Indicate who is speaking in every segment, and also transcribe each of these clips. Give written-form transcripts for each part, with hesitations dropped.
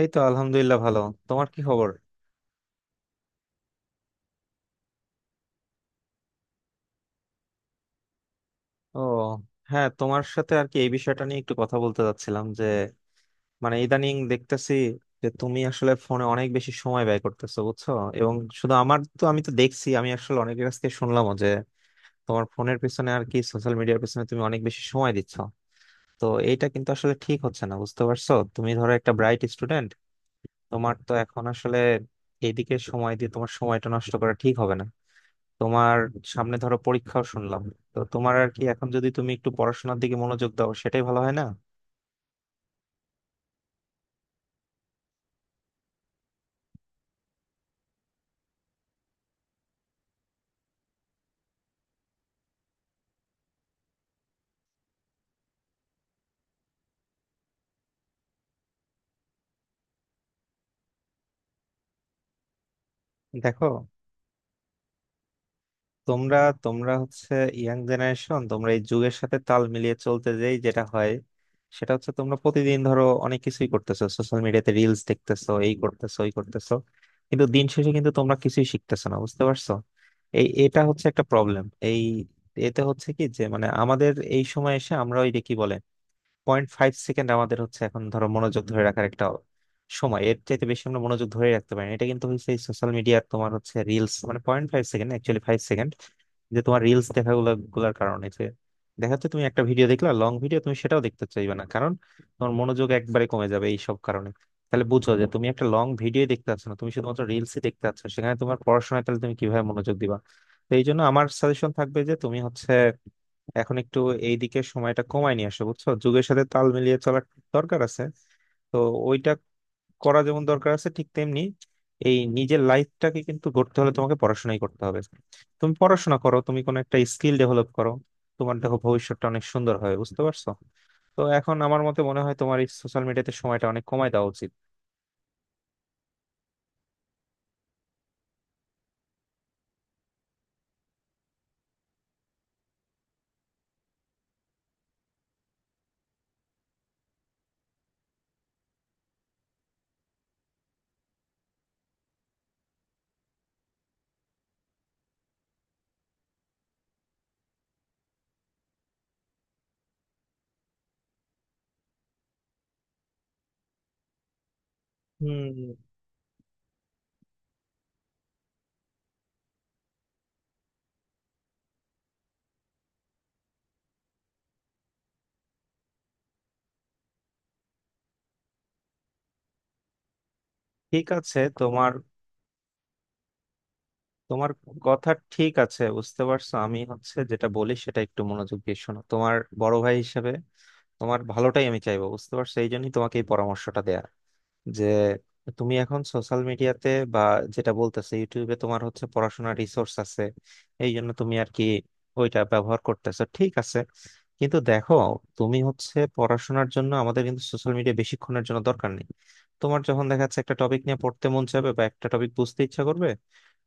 Speaker 1: এই তো আলহামদুলিল্লাহ ভালো। তোমার কি খবর? ও, হ্যাঁ, তোমার সাথে আর কি এই বিষয়টা নিয়ে একটু কথা বলতে চাচ্ছিলাম যে, মানে ইদানিং দেখতেছি যে তুমি আসলে ফোনে অনেক বেশি সময় ব্যয় করতেছো, বুঝছো? এবং শুধু আমার তো আমি তো দেখছি, আমি আসলে অনেকের কাছ থেকে শুনলামও যে তোমার ফোনের পিছনে আর কি সোশ্যাল মিডিয়ার পিছনে তুমি অনেক বেশি সময় দিচ্ছ। তো এইটা কিন্তু আসলে ঠিক হচ্ছে না, বুঝতে পারছো? তুমি ধরো একটা ব্রাইট স্টুডেন্ট, তোমার তো এখন আসলে এইদিকে সময় দিয়ে তোমার সময়টা নষ্ট করা ঠিক হবে না। তোমার সামনে ধরো পরীক্ষাও শুনলাম, তো তোমার আর কি এখন যদি তুমি একটু পড়াশোনার দিকে মনোযোগ দাও সেটাই ভালো হয় না? দেখো, তোমরা তোমরা হচ্ছে ইয়াং জেনারেশন, তোমরা এই যুগের সাথে তাল মিলিয়ে চলতে যেই যেটা হয়, সেটা হচ্ছে তোমরা প্রতিদিন ধরো অনেক কিছুই করতেছো, সোশ্যাল মিডিয়াতে রিলস দেখতেছো, এই করতেছো, ওই করতেছো, কিন্তু দিন শেষে কিন্তু তোমরা কিছুই শিখতেছো না, বুঝতে পারছো? এটা হচ্ছে একটা প্রবলেম, এই এতে হচ্ছে কি যে মানে আমাদের এই সময় এসে আমরা ওই যে কি বলে পয়েন্ট ফাইভ সেকেন্ড আমাদের হচ্ছে এখন ধরো মনোযোগ ধরে রাখার একটা সময়, এর চাইতে বেশি আমরা মনোযোগ ধরে রাখতে পারি না। এটা কিন্তু হচ্ছে সোশ্যাল মিডিয়ার, তোমার হচ্ছে রিলস, মানে point five second, actually five second, যে তোমার রিলস দেখা গুলো গুলার কারণে যে দেখা যাচ্ছে তুমি একটা ভিডিও দেখলা, লং ভিডিও তুমি সেটাও দেখতে চাইবে না, কারণ তোমার মনোযোগ একবারে কমে যাবে এই সব কারণে। তাহলে বুঝো যে তুমি একটা লং ভিডিও দেখতে পাচ্ছ না, তুমি শুধুমাত্র রিলসই দেখতে পাচ্ছ, সেখানে তোমার পড়াশোনায় তাহলে তুমি কিভাবে মনোযোগ দিবা? তো এই জন্য আমার সাজেশন থাকবে যে তুমি হচ্ছে এখন একটু এইদিকে সময়টা কমায় নিয়ে আসো, বুঝছো? যুগের সাথে তাল মিলিয়ে চলার দরকার আছে, তো ওইটা করা যেমন দরকার আছে, ঠিক তেমনি এই নিজের লাইফটাকে কিন্তু গড়তে হলে তোমাকে পড়াশোনাই করতে হবে। তুমি পড়াশোনা করো, তুমি কোনো একটা স্কিল ডেভেলপ করো, তোমার দেখো ভবিষ্যৎটা অনেক সুন্দর হবে, বুঝতে পারছো? তো এখন আমার মতে মনে হয় তোমার এই সোশ্যাল মিডিয়াতে সময়টা অনেক কমায় দেওয়া উচিত। হুম। ঠিক আছে, তোমার তোমার কথা ঠিক আছে, বুঝতে পারছো? আমি হচ্ছে যেটা বলি সেটা একটু মনোযোগ দিয়ে শোনো, তোমার বড় ভাই হিসেবে তোমার ভালোটাই আমি চাইবো, বুঝতে পারছো? এই জন্যই তোমাকে এই পরামর্শটা দেয়া যে তুমি এখন সোশ্যাল মিডিয়াতে বা যেটা বলতেছে ইউটিউবে তোমার হচ্ছে পড়াশোনার রিসোর্স আছে, এই জন্য তুমি আর কি ওইটা ব্যবহার করতেছো, ঠিক আছে। কিন্তু দেখো, তুমি হচ্ছে পড়াশোনার জন্য আমাদের কিন্তু সোশ্যাল মিডিয়া বেশিক্ষণের জন্য দরকার নেই। তোমার যখন দেখা যাচ্ছে একটা টপিক নিয়ে পড়তে মন চাইবে বা একটা টপিক বুঝতে ইচ্ছা করবে,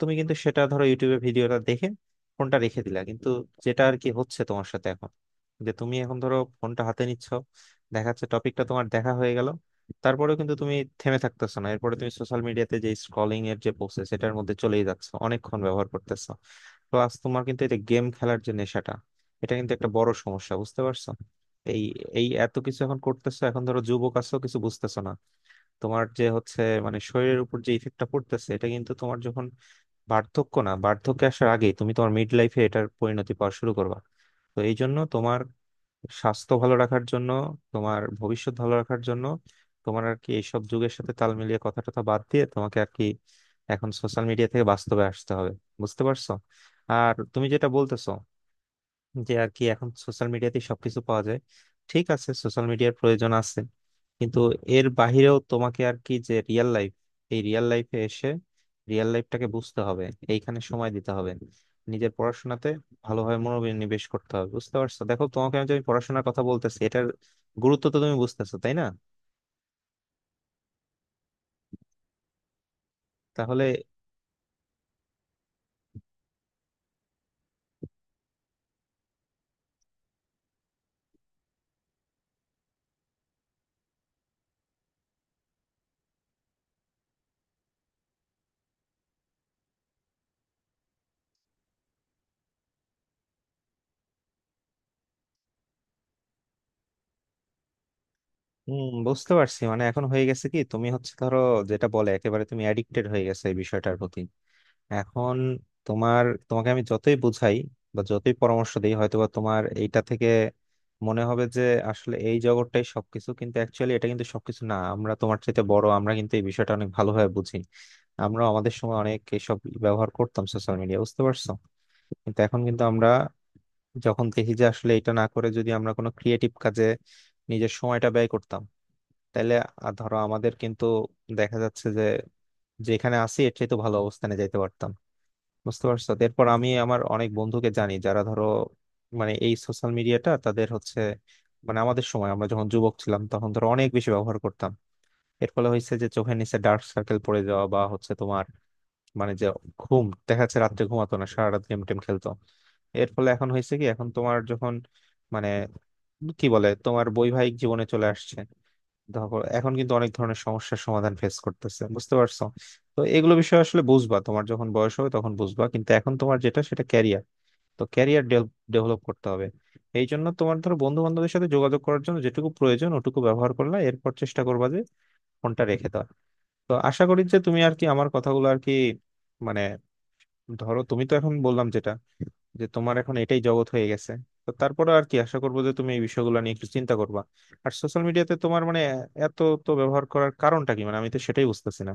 Speaker 1: তুমি কিন্তু সেটা ধরো ইউটিউবে ভিডিওটা দেখে ফোনটা রেখে দিলা, কিন্তু যেটা আর কি হচ্ছে তোমার সাথে এখন, যে তুমি এখন ধরো ফোনটা হাতে নিচ্ছ, দেখা যাচ্ছে টপিকটা তোমার দেখা হয়ে গেল, তারপরেও কিন্তু তুমি থেমে থাকতেছো না, এরপরে তুমি সোশ্যাল মিডিয়াতে যে স্ক্রলিং এর যে প্রসেস সেটার মধ্যে চলেই যাচ্ছ, অনেকক্ষণ ব্যবহার করতেছো। প্লাস তোমার কিন্তু এটা গেম খেলার যে নেশাটা, এটা কিন্তু একটা বড় সমস্যা, বুঝতে পারছো? এই এই এত কিছু এখন করতেছো, এখন ধরো যুবক আছো, কিছু বুঝতেছো না। তোমার যে হচ্ছে মানে শরীরের উপর যে ইফেক্টটা পড়তেছে, এটা কিন্তু তোমার যখন বার্ধক্য না, বার্ধক্যে আসার আগেই তুমি তোমার মিড লাইফে এটার পরিণতি পাওয়া শুরু করবা। তো এই জন্য তোমার স্বাস্থ্য ভালো রাখার জন্য, তোমার ভবিষ্যৎ ভালো রাখার জন্য তোমার আর কি এইসব যুগের সাথে তাল মিলিয়ে কথা টথা বাদ দিয়ে তোমাকে আর কি এখন সোশ্যাল মিডিয়া থেকে বাস্তবে আসতে হবে, বুঝতে পারছো? আর তুমি যেটা বলতেছো যে আর কি এখন সোশ্যাল মিডিয়াতে সবকিছু পাওয়া যায়, ঠিক আছে, সোশ্যাল মিডিয়ার প্রয়োজন আছে, কিন্তু এর বাহিরেও তোমাকে আর কি যে রিয়েল লাইফ, এই রিয়েল লাইফে এসে রিয়েল লাইফটাকে বুঝতে হবে, এইখানে সময় দিতে হবে, নিজের পড়াশোনাতে ভালোভাবে মনোনিবেশ করতে হবে, বুঝতে পারছো? দেখো, তোমাকে আমি যে আমি পড়াশোনার কথা বলতেছি, এটার গুরুত্ব তো তুমি বুঝতেছো, তাই না? তাহলে হম, বুঝতে পারছি, মানে এখন হয়ে গেছে কি তুমি হচ্ছে ধরো, যেটা বলে একেবারে তুমি অ্যাডিক্টেড হয়ে গেছে এই বিষয়টার প্রতি। এখন তোমাকে আমি যতই বুঝাই বা যতই পরামর্শ দিই, হয়তোবা তোমার এইটা থেকে মনে হবে যে আসলে এই জগৎটাই সবকিছু, কিন্তু অ্যাকচুয়ালি এটা কিন্তু সবকিছু না। আমরা তোমার চাইতে বড়, আমরা কিন্তু এই বিষয়টা অনেক ভালোভাবে বুঝি। আমরা আমাদের সময় অনেক এসব ব্যবহার করতাম সোশ্যাল মিডিয়া, বুঝতে পারছো? কিন্তু এখন কিন্তু আমরা যখন দেখি যে আসলে এটা না করে যদি আমরা কোনো ক্রিয়েটিভ কাজে নিজের সময়টা ব্যয় করতাম, তাহলে আর ধরো আমাদের কিন্তু দেখা যাচ্ছে যে যেখানে আছি এর চেয়ে তো ভালো অবস্থানে যাইতে পারতাম, বুঝতে পারছো? তো এরপর আমি আমার অনেক বন্ধুকে জানি যারা ধরো, মানে এই সোশ্যাল মিডিয়াটা তাদের হচ্ছে, মানে আমাদের সময় আমরা যখন যুবক ছিলাম তখন ধরো অনেক বেশি ব্যবহার করতাম, এর ফলে হয়েছে যে চোখের নিচে ডার্ক সার্কেল পড়ে যাওয়া বা হচ্ছে তোমার মানে যে ঘুম, দেখা যাচ্ছে রাত্রে ঘুমাতো না, সারা রাত গেম টেম খেলতো, এর ফলে এখন হয়েছে কি এখন তোমার যখন মানে কি বলে তোমার বৈবাহিক জীবনে চলে আসছে, ধরো এখন কিন্তু অনেক ধরনের সমস্যার সমাধান ফেস করতেছে, বুঝতে পারছো? তো এগুলো বিষয় আসলে বুঝবা তোমার যখন বয়স হবে তখন বুঝবা, কিন্তু এখন তোমার যেটা সেটা ক্যারিয়ার, তো ক্যারিয়ার ডেভেলপ করতে হবে। এই জন্য তোমার ধরো বন্ধু বান্ধবের সাথে যোগাযোগ করার জন্য যেটুকু প্রয়োজন ওটুকু ব্যবহার করলা, এরপর চেষ্টা করবা যে ফোনটা রেখে দাও। তো আশা করি যে তুমি আর কি আমার কথাগুলো আর কি, মানে ধরো তুমি তো এখন বললাম যেটা, যে তোমার এখন এটাই জগৎ হয়ে গেছে, তো তারপরে আর কি আশা করবো যে তুমি এই বিষয়গুলো নিয়ে একটু চিন্তা করবা। আর সোশ্যাল মিডিয়াতে তোমার মানে এত তো ব্যবহার করার কারণটা কি, মানে আমি তো সেটাই বুঝতেছি না।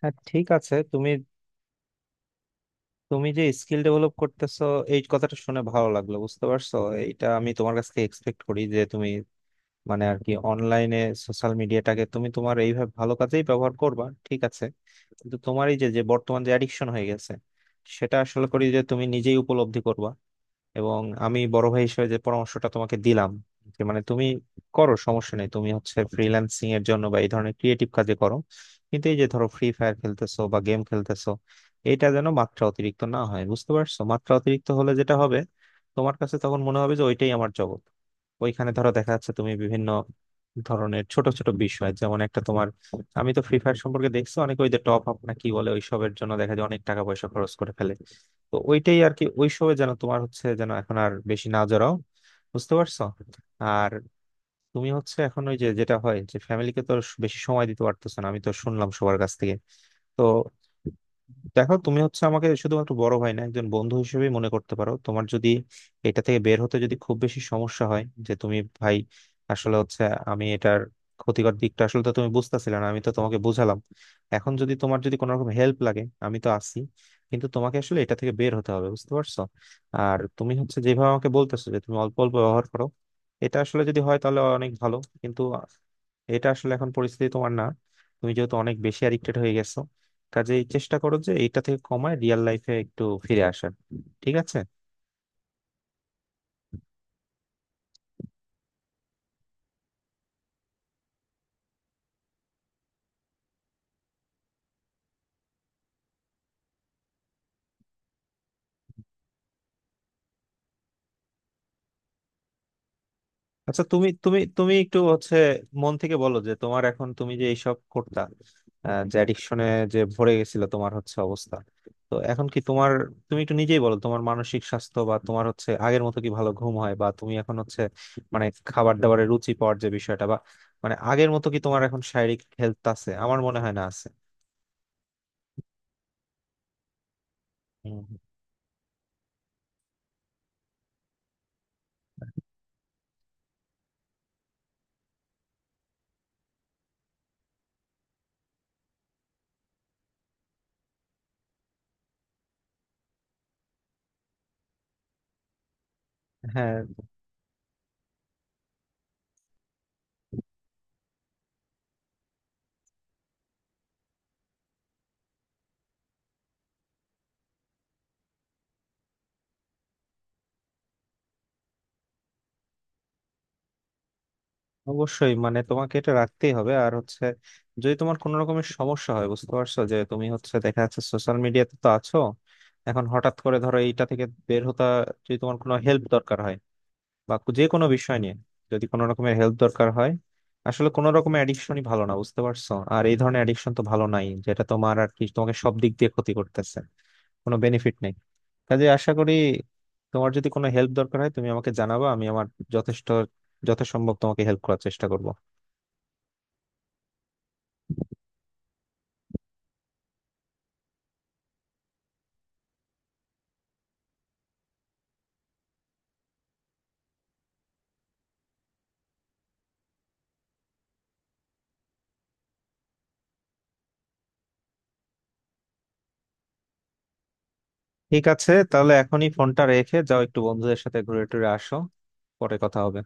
Speaker 1: হ্যাঁ, ঠিক আছে, তুমি তুমি যে স্কিল ডেভেলপ করতেছো, এই কথাটা শুনে ভালো লাগলো, বুঝতে পারছো? এটা আমি তোমার কাছ থেকে এক্সপেক্ট করি যে তুমি মানে আর কি অনলাইনে সোশ্যাল মিডিয়াটাকে তুমি তোমার এইভাবে ভালো কাজেই ব্যবহার করবা, ঠিক আছে। কিন্তু তোমার এই যে যে বর্তমান যে অ্যাডিকশন হয়ে গেছে, সেটা আসলে করি যে তুমি নিজেই উপলব্ধি করবা, এবং আমি বড় ভাই হিসেবে যে পরামর্শটা তোমাকে দিলাম যে মানে তুমি করো সমস্যা নেই, তুমি হচ্ছে ফ্রিল্যান্সিং এর জন্য বা এই ধরনের ক্রিয়েটিভ কাজে করো, কিন্তু এই যে ধরো ফ্রি ফায়ার খেলতেছো বা গেম খেলতেছো, এটা যেন মাত্রা অতিরিক্ত না হয়, বুঝতে পারছো? মাত্রা অতিরিক্ত হলে যেটা হবে, তোমার কাছে তখন মনে হবে যে ওইটাই আমার জগৎ। ওইখানে ধরো দেখা যাচ্ছে তুমি বিভিন্ন ধরনের ছোট ছোট বিষয়, যেমন একটা তোমার, আমি তো ফ্রি ফায়ার সম্পর্কে দেখছি অনেকে ওই যে টপ আপ না কি বলে, ওইসবের জন্য দেখা যায় অনেক টাকা পয়সা খরচ করে ফেলে। তো ওইটাই আর কি ওইসবে যেন তোমার হচ্ছে যেন এখন আর বেশি না জড়াও, বুঝতে পারছো? আর তুমি হচ্ছে এখন ওই যে যেটা হয় যে ফ্যামিলিকে তো বেশি সময় দিতে পারতেছ না, আমি তো শুনলাম সবার কাছ থেকে। তো দেখো, তুমি হচ্ছে আমাকে শুধুমাত্র বড় ভাই না, একজন বন্ধু হিসেবেই মনে করতে পারো। তোমার যদি এটা থেকে বের হতে যদি খুব বেশি সমস্যা হয় যে তুমি ভাই আসলে হচ্ছে আমি এটার ক্ষতিকর দিকটা আসলে তো তুমি বুঝতেছিলে না, আমি তো তোমাকে বুঝালাম। এখন যদি তোমার যদি কোনো রকম হেল্প লাগে, আমি তো আছি, কিন্তু তোমাকে আসলে এটা থেকে বের হতে হবে, বুঝতে পারছো? আর তুমি হচ্ছে যেভাবে আমাকে বলতেছো যে তুমি অল্প অল্প ব্যবহার করো, এটা আসলে যদি হয় তাহলে অনেক ভালো, কিন্তু এটা আসলে এখন পরিস্থিতি তোমার না, তুমি যেহেতু অনেক বেশি অ্যাডিক্টেড হয়ে গেছো, কাজেই চেষ্টা করো যে এইটা থেকে কমায় রিয়েল লাইফে একটু ফিরে আসার, ঠিক আছে? আচ্ছা, তুমি তুমি তুমি একটু হচ্ছে মন থেকে বলো যে তোমার এখন তুমি যে এইসব করতা, যে অ্যাডিকশনে যে ভরে গেছিল তোমার হচ্ছে অবস্থা, তো এখন কি তোমার, তুমি একটু নিজেই বলো, তোমার মানসিক স্বাস্থ্য বা তোমার হচ্ছে আগের মতো কি ভালো ঘুম হয়, বা তুমি এখন হচ্ছে মানে খাবার দাবারে রুচি পাওয়ার যে বিষয়টা, বা মানে আগের মতো কি তোমার এখন শারীরিক হেলথ আছে? আমার মনে হয় না আছে। হুম। হ্যাঁ, অবশ্যই, মানে তোমাকে এটা রাখতেই হবে। আর হচ্ছে যদি তোমার কোনো রকমের সমস্যা হয়, বুঝতে পারছো, যে তুমি হচ্ছে দেখা যাচ্ছে সোশ্যাল মিডিয়াতে তো আছো, এখন হঠাৎ করে ধরো এইটা থেকে বের হতে যদি তোমার কোনো হেল্প দরকার হয়, বা যে কোনো বিষয় নিয়ে যদি কোনো রকমের হেল্প দরকার হয়, আসলে কোনো রকমের অ্যাডিকশনই ভালো না, বুঝতে পারছো? আর এই ধরনের অ্যাডিকশন তো ভালো নাই, যেটা তোমার আর কি তোমাকে সব দিক দিয়ে ক্ষতি করতেছে, কোনো বেনিফিট নেই। কাজে আশা করি তোমার যদি কোনো হেল্প দরকার হয় তুমি আমাকে জানাবা, আমি আমার যথেষ্ট যথাসম্ভব তোমাকে হেল্প করার চেষ্টা করব। ঠিক আছে, তাহলে এখনই ফোনটা রেখে যাও, একটু বন্ধুদের সাথে ঘুরে টুরে আসো। পরে কথা হবে।